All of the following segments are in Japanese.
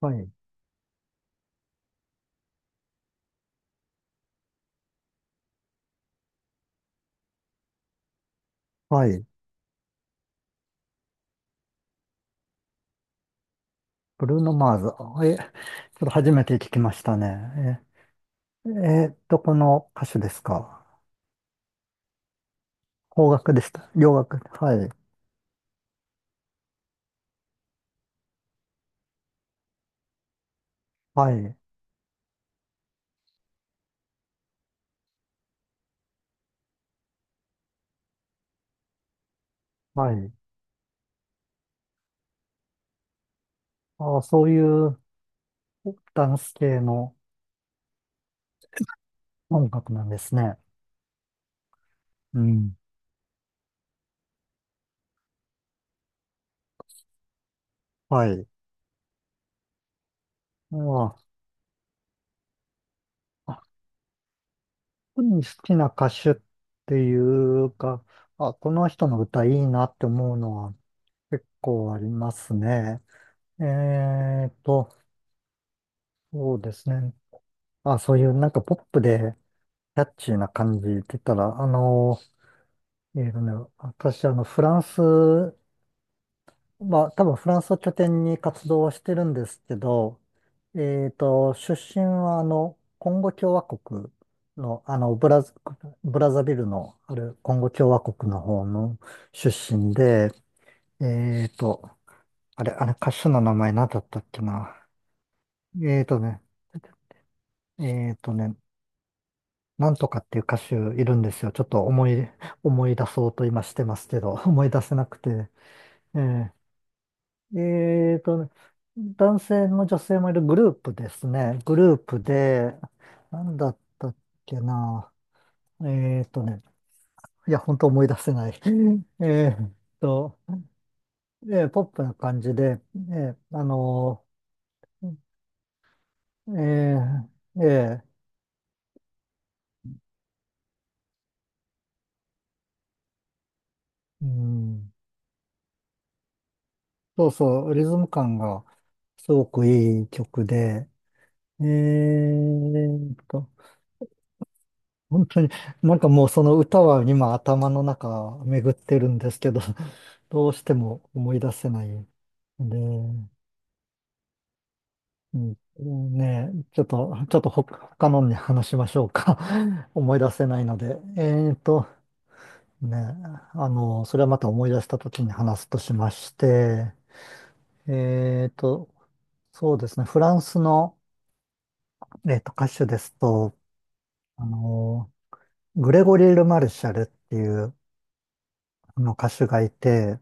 はい。はい。ブルーノ・マーズ。え、ちょっと初めて聞きましたね。え、この歌手ですか。邦楽でした。洋楽。はい。はい。はい。ああ、そういうダンス系の音楽なんですね。うん。はい。ああ、特に好きな歌手っていうか、あ、この人の歌いいなって思うのは結構ありますね。えーっと、そうですね。あ、そういうなんかポップで、キャッチーな感じって言ったら、えーとね、私、フランス、まあ、多分フランスを拠点に活動はしてるんですけど、出身は、コンゴ共和国の、ブラザビルのあるコンゴ共和国の方の出身で、えーと、あれ、歌手の名前何だったっけな。えーとね、えーとね、なんとかっていう歌手いるんですよ。ちょっと思い、思い出そうと今してますけど、思い出せなくて。えええーと、男性も女性もいるグループですね。グループで、なんだったっけな。えーとね、いや、本当思い出せない。えーと、ポップな感じで、ーあのーえーえーうん、そうそう、リズム感がすごくいい曲で、えーっと、本当に、なんかもうその歌は今頭の中巡ってるんですけど、どうしても思い出せないんで、うん、ねえ、ちょっと他のに話しましょうか。思い出せないので。ーっと、ねえ、それはまた思い出した時に話すとしまして、えーっと、そうですね、フランスの、歌手ですと、あの、グレゴリー・ル・マルシャルっていう、の歌手がいて、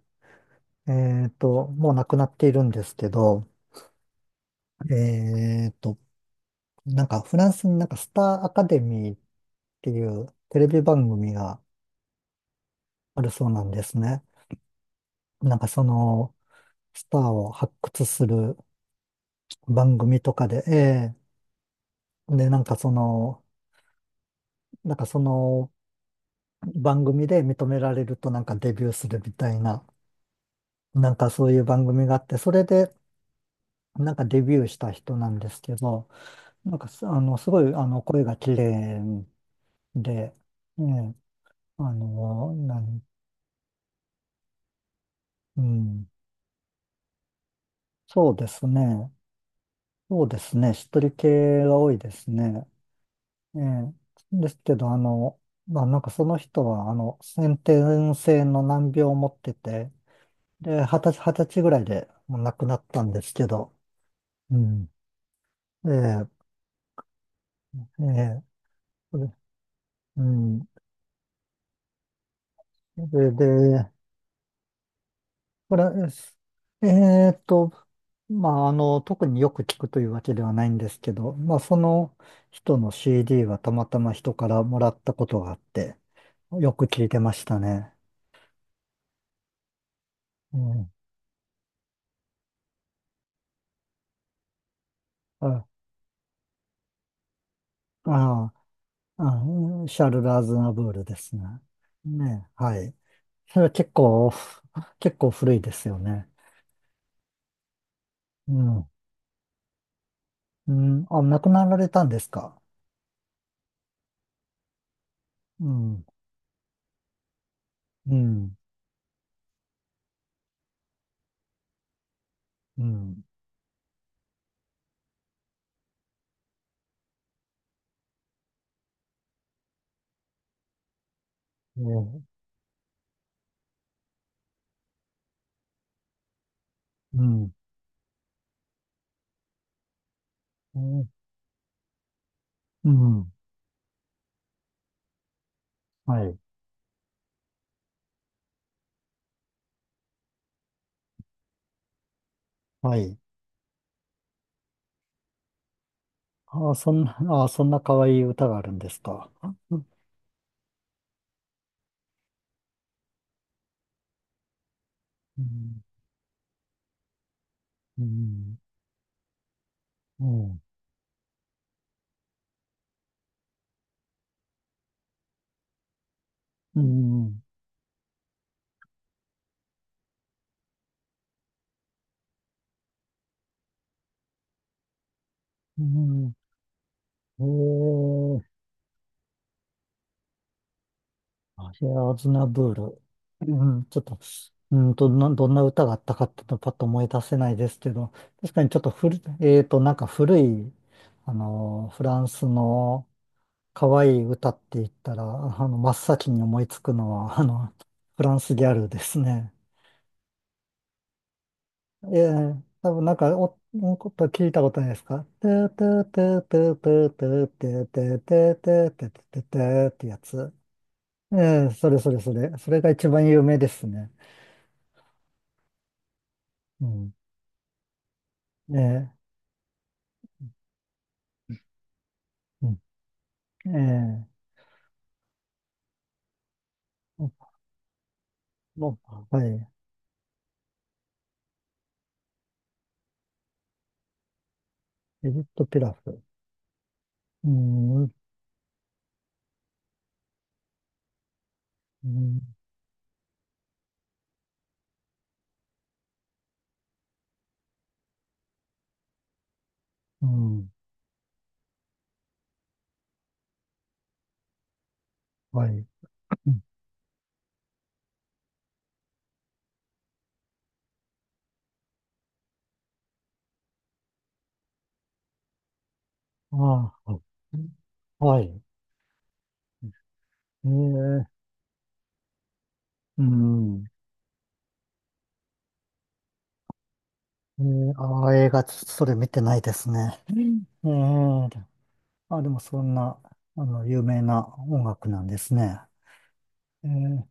もう亡くなっているんですけど、えっと、なんかフランスになんかスターアカデミーっていうテレビ番組があるそうなんですね。なんかそのスターを発掘する番組とかで、で、なんかその番組で認められるとなんかデビューするみたいな、なんかそういう番組があって、それでなんかデビューした人なんですけど、すごい、声が綺麗で、ね、あの、なん、うん、そうですね。そうですね。しっとり系が多いですね。ええ、ですけど、まあ、なんかその人は、先天性の難病を持ってて、で、二十歳ぐらいでもう亡くなったんですけど、うん。ええ、ええ、それうん。それで、これ、えーっと、まあ、特によく聞くというわけではないんですけど、まあ、その人の CD はたまたま人からもらったことがあって、よく聞いてましたね。うん。あ、あ、あ、シャルル・アズナブールですね。ね、はい。それは結構古いですよね。うん。うん。あ、亡くなられたんですか。うん。うん。うん。うん。うん。うん。うん、はい。はい。ああ、そんな、ああ、そんな可愛い歌があるんですか。うん、うん、うん、うん、うん、うん、えー、あれ、アズナブール。うん、ちょっと、どんな歌があったかっていうのパッと思い出せないですけど、確かにちょっと古い、なんか古い、フランスの可愛い歌って言ったら、真っ先に思いつくのは、フランスギャルですね。ええ、多分なんか、お、こと聞いたことないですかてーてーてーてーてーてーてーてーてーてーてーてーてーてーってやつ。ええ、それそれそれ。それが一番有名ですね。うん。ええ、うん。ええ、もうはい。エジプトピラフ。うん、うん、うん、はい。うん、ああ、はい。ええ、うん。ええ、ああ、映画、それ見てないですね。うん、ええ、あ、でもそんな、有名な音楽なんですね。エ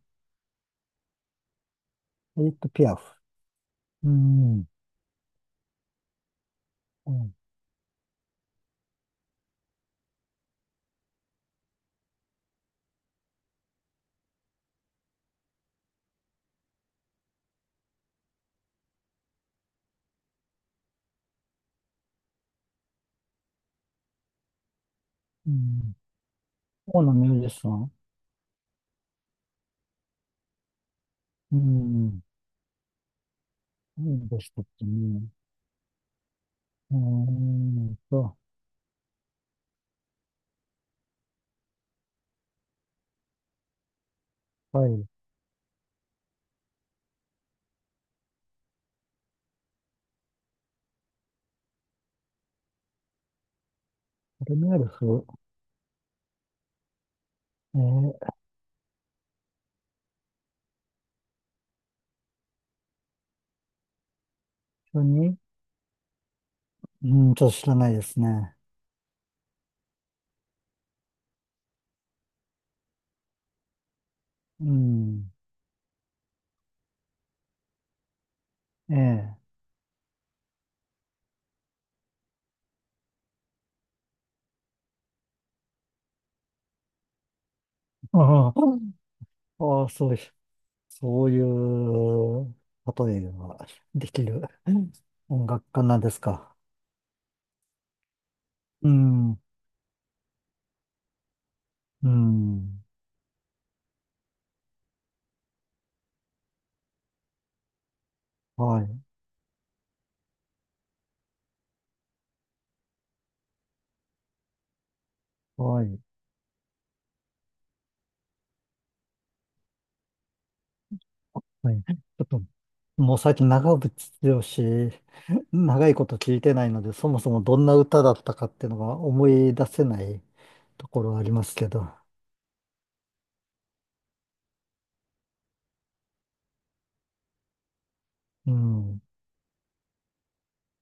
ディット・ピアフ。うん。うん。うん。オーナミュージシャン。うん。何でしたっけね。うーんと、はい。フェルメールフ。えー、一緒に、うん、ちょっと知らないですね。うん。ええ。ああ、ああそういう、そういう、例えができる音楽家なんですか。うん。うん。はい、はい、はい。ちょっと、もう最近長渕剛、長いこと聞いてないので、そもそもどんな歌だったかっていうのが思い出せないところはありますけど。うん。